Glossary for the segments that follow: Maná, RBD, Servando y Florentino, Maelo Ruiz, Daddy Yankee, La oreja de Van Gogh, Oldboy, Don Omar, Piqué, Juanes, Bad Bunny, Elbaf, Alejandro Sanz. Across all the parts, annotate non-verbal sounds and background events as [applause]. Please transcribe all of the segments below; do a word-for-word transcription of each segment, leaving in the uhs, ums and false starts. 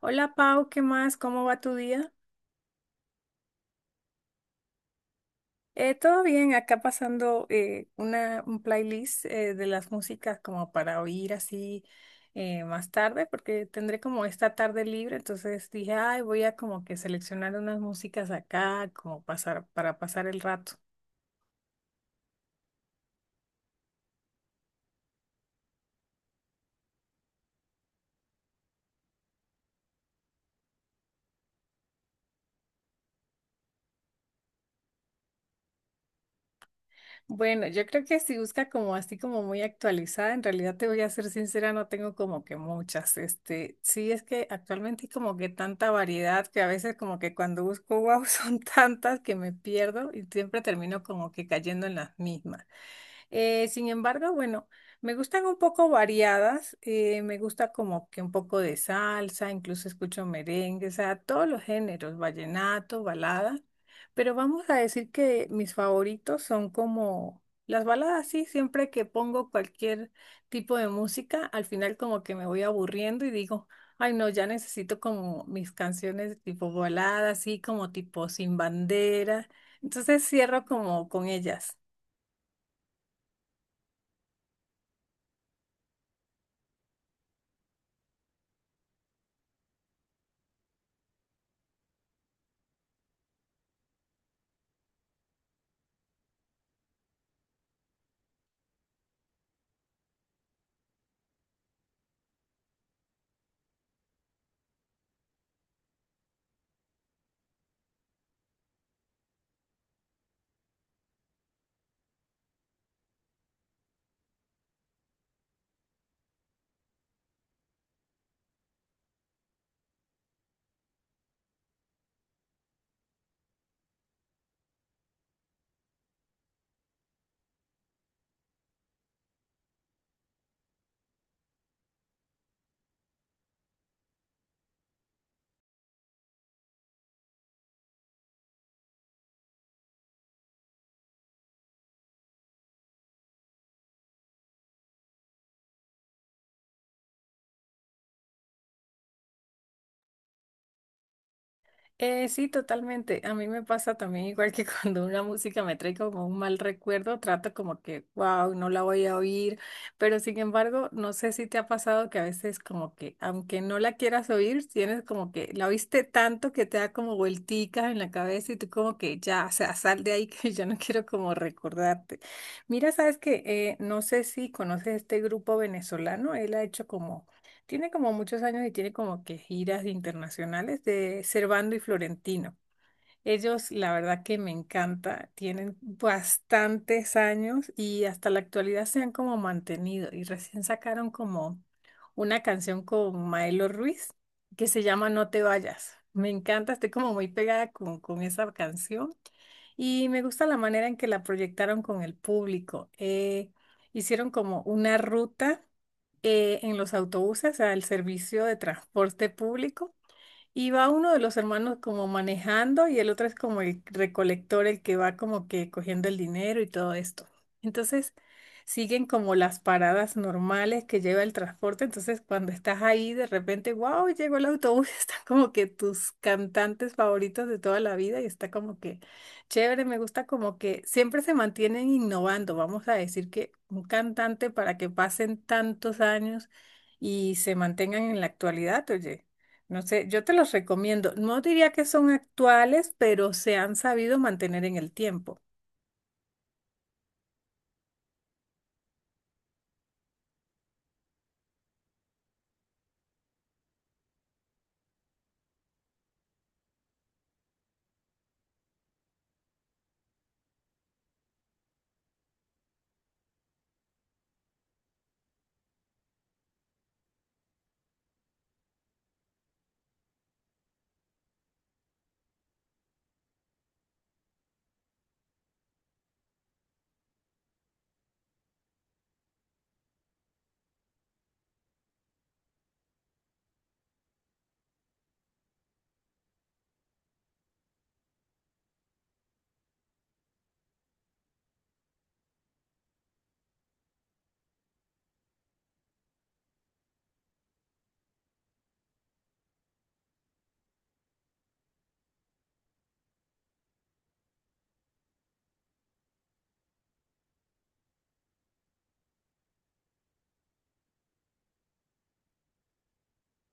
Hola Pau, ¿qué más? ¿Cómo va tu día? Eh, todo bien, acá pasando eh, una, un playlist eh, de las músicas como para oír así eh, más tarde, porque tendré como esta tarde libre, entonces dije, ay, voy a como que seleccionar unas músicas acá, como pasar, para pasar el rato. Bueno, yo creo que si busca como así como muy actualizada, en realidad te voy a ser sincera, no tengo como que muchas. Este, sí es que actualmente hay como que tanta variedad que a veces como que cuando busco wow [laughs] son tantas que me pierdo y siempre termino como que cayendo en las mismas. Eh, sin embargo, bueno, me gustan un poco variadas, eh, me gusta como que un poco de salsa, incluso escucho merengue, o sea, todos los géneros, vallenato, balada, pero vamos a decir que mis favoritos son como las baladas, sí, siempre que pongo cualquier tipo de música, al final como que me voy aburriendo y digo, ay no, ya necesito como mis canciones tipo balada, así como tipo sin bandera, entonces cierro como con ellas. Eh, sí, totalmente. A mí me pasa también igual que [laughs] cuando una música me trae como un mal recuerdo, trato como que, wow, no la voy a oír, pero sin embargo, no sé si te ha pasado que a veces como que, aunque no la quieras oír, tienes como que la oíste tanto que te da como vuelticas en la cabeza y tú como que ya, o sea, sal de ahí [laughs] que yo no quiero como recordarte. Mira, sabes que no sé si conoces este grupo venezolano, él ha hecho como tiene como muchos años y tiene como que giras internacionales de Servando y Florentino. Ellos, la verdad que me encanta, tienen bastantes años y hasta la actualidad se han como mantenido y recién sacaron como una canción con Maelo Ruiz que se llama No te vayas. Me encanta, estoy como muy pegada con, con esa canción y me gusta la manera en que la proyectaron con el público. Eh, hicieron como una ruta eh, en los autobuses al servicio de transporte público. Y va uno de los hermanos como manejando y el otro es como el recolector, el que va como que cogiendo el dinero y todo esto. Entonces siguen como las paradas normales que lleva el transporte. Entonces cuando estás ahí de repente, wow, llegó el autobús, [laughs] están como que tus cantantes favoritos de toda la vida y está como que chévere, me gusta como que siempre se mantienen innovando. Vamos a decir que un cantante para que pasen tantos años y se mantengan en la actualidad, oye. No sé, yo te los recomiendo. No diría que son actuales, pero se han sabido mantener en el tiempo.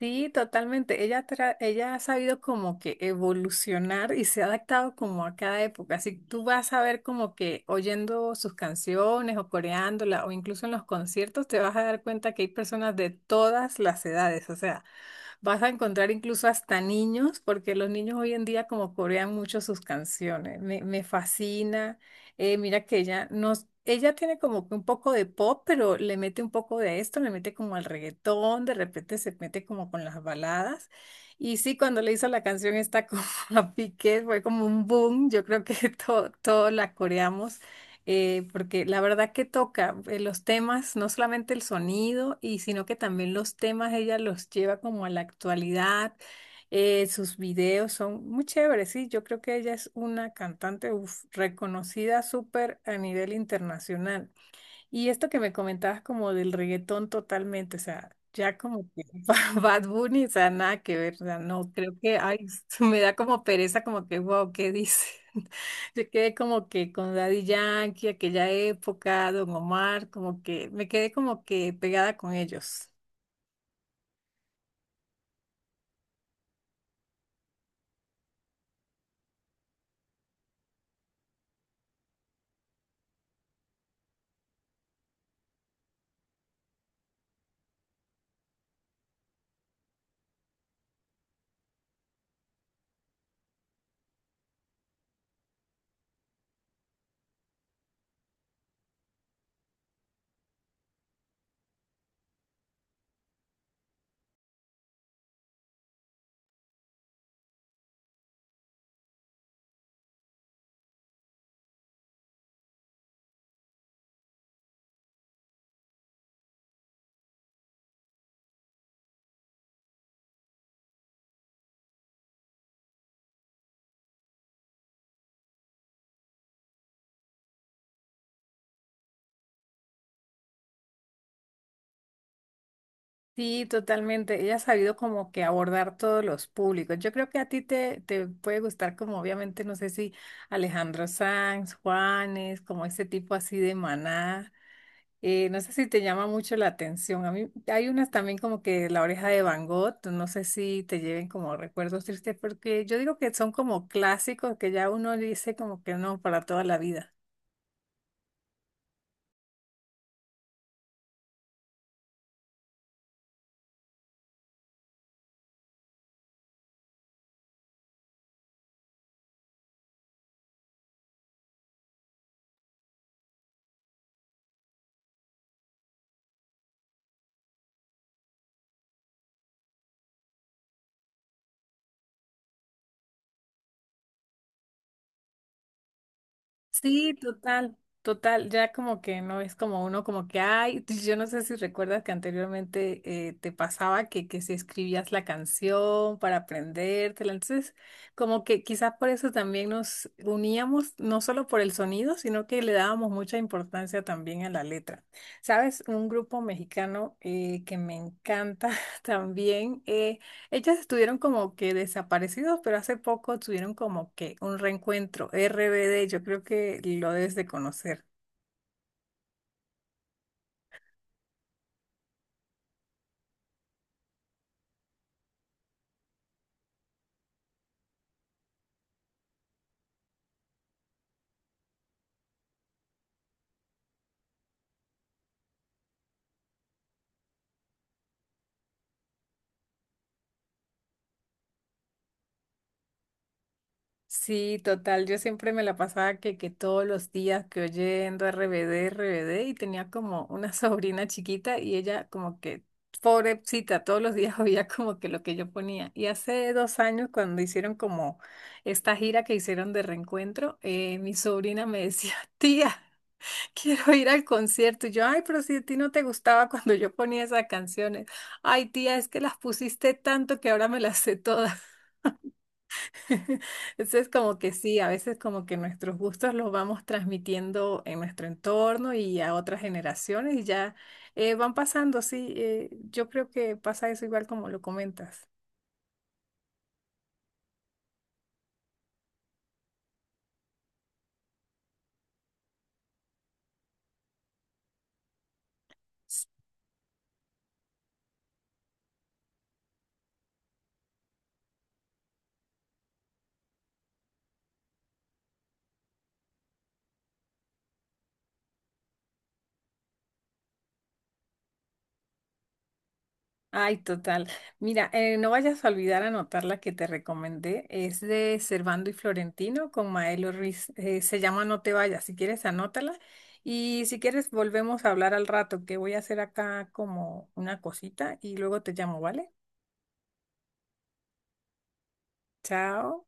Sí, totalmente. Ella, tra- ella ha sabido como que evolucionar y se ha adaptado como a cada época. Así que tú vas a ver como que oyendo sus canciones o coreándola o incluso en los conciertos te vas a dar cuenta que hay personas de todas las edades. O sea, vas a encontrar incluso hasta niños, porque los niños hoy en día como corean mucho sus canciones. Me, me fascina. Eh, mira que ella nos, ella tiene como que un poco de pop, pero le mete un poco de esto, le mete como al reggaetón, de repente se mete como con las baladas. Y sí, cuando le hizo la canción esta como [laughs] a Piqué, fue como un boom. Yo creo que [laughs] todo, todo la coreamos eh, porque la verdad que toca eh, los temas, no solamente el sonido, y sino que también los temas ella los lleva como a la actualidad. Eh, sus videos son muy chéveres, sí, yo creo que ella es una cantante uf, reconocida súper a nivel internacional. Y esto que me comentabas como del reggaetón totalmente, o sea, ya como que [laughs] Ba- Bad Bunny, o sea, nada que ver, o sea, no, creo que, ay, [laughs] me da como pereza, como que, wow, ¿qué dice? [laughs] Yo quedé como que con Daddy Yankee, aquella época, Don Omar, como que, me quedé como que pegada con ellos. Sí, totalmente, ella ha sabido como que abordar todos los públicos. Yo creo que a ti te, te puede gustar como obviamente, no sé si Alejandro Sanz, Juanes, como ese tipo así de Maná. Eh, no sé si te llama mucho la atención. A mí hay unas también como que La oreja de Van Gogh, no sé si te lleven como recuerdos tristes, porque yo digo que son como clásicos que ya uno dice como que no para toda la vida. Sí, total, total. Ya como que no es como uno, como que, ay, [laughs] t- yo no sé si recuerdas que anteriormente eh, te pasaba que, que si escribías la canción para aprendértela. Entonces, como que quizás por eso también nos uníamos, no solo por el sonido, sino que le dábamos mucha importancia también a la letra. ¿Sabes? Un grupo mexicano eh, que me encanta [laughs] también. Eh, ellas estuvieron como que desaparecidos, pero hace poco tuvieron como que un reencuentro. R B D, yo creo que lo debes de conocer. Sí, total, yo siempre me la pasaba que, que todos los días que oyendo RBD, RBD, y tenía como una [laughs] sobrina chiquita y ella como que, pobrecita, todos los días [laughs] oía como que lo que yo ponía. Y hace dos años cuando hicieron como esta gira que hicieron de reencuentro, eh, mi sobrina me decía, tía. Quiero ir al concierto. Y yo, ay, pero si a ti no te gustaba [laughs] cuando yo ponía esas canciones. Ay, tía, es que las pusiste tanto que ahora me las sé todas. [laughs] Entonces, como que sí, a veces como que nuestros gustos los vamos transmitiendo en nuestro entorno y a otras generaciones y ya eh, van pasando, sí. Eh, yo creo que pasa eso igual como lo comentas. Ay, total. Mira, eh, no vayas a olvidar anotar la que te recomendé. Es de Servando y Florentino con Maelo Ruiz. Eh, se llama No te vayas. Si quieres, anótala. Y si quieres, volvemos a hablar al rato, que voy a hacer acá como una cosita y luego te llamo, ¿vale? Chao.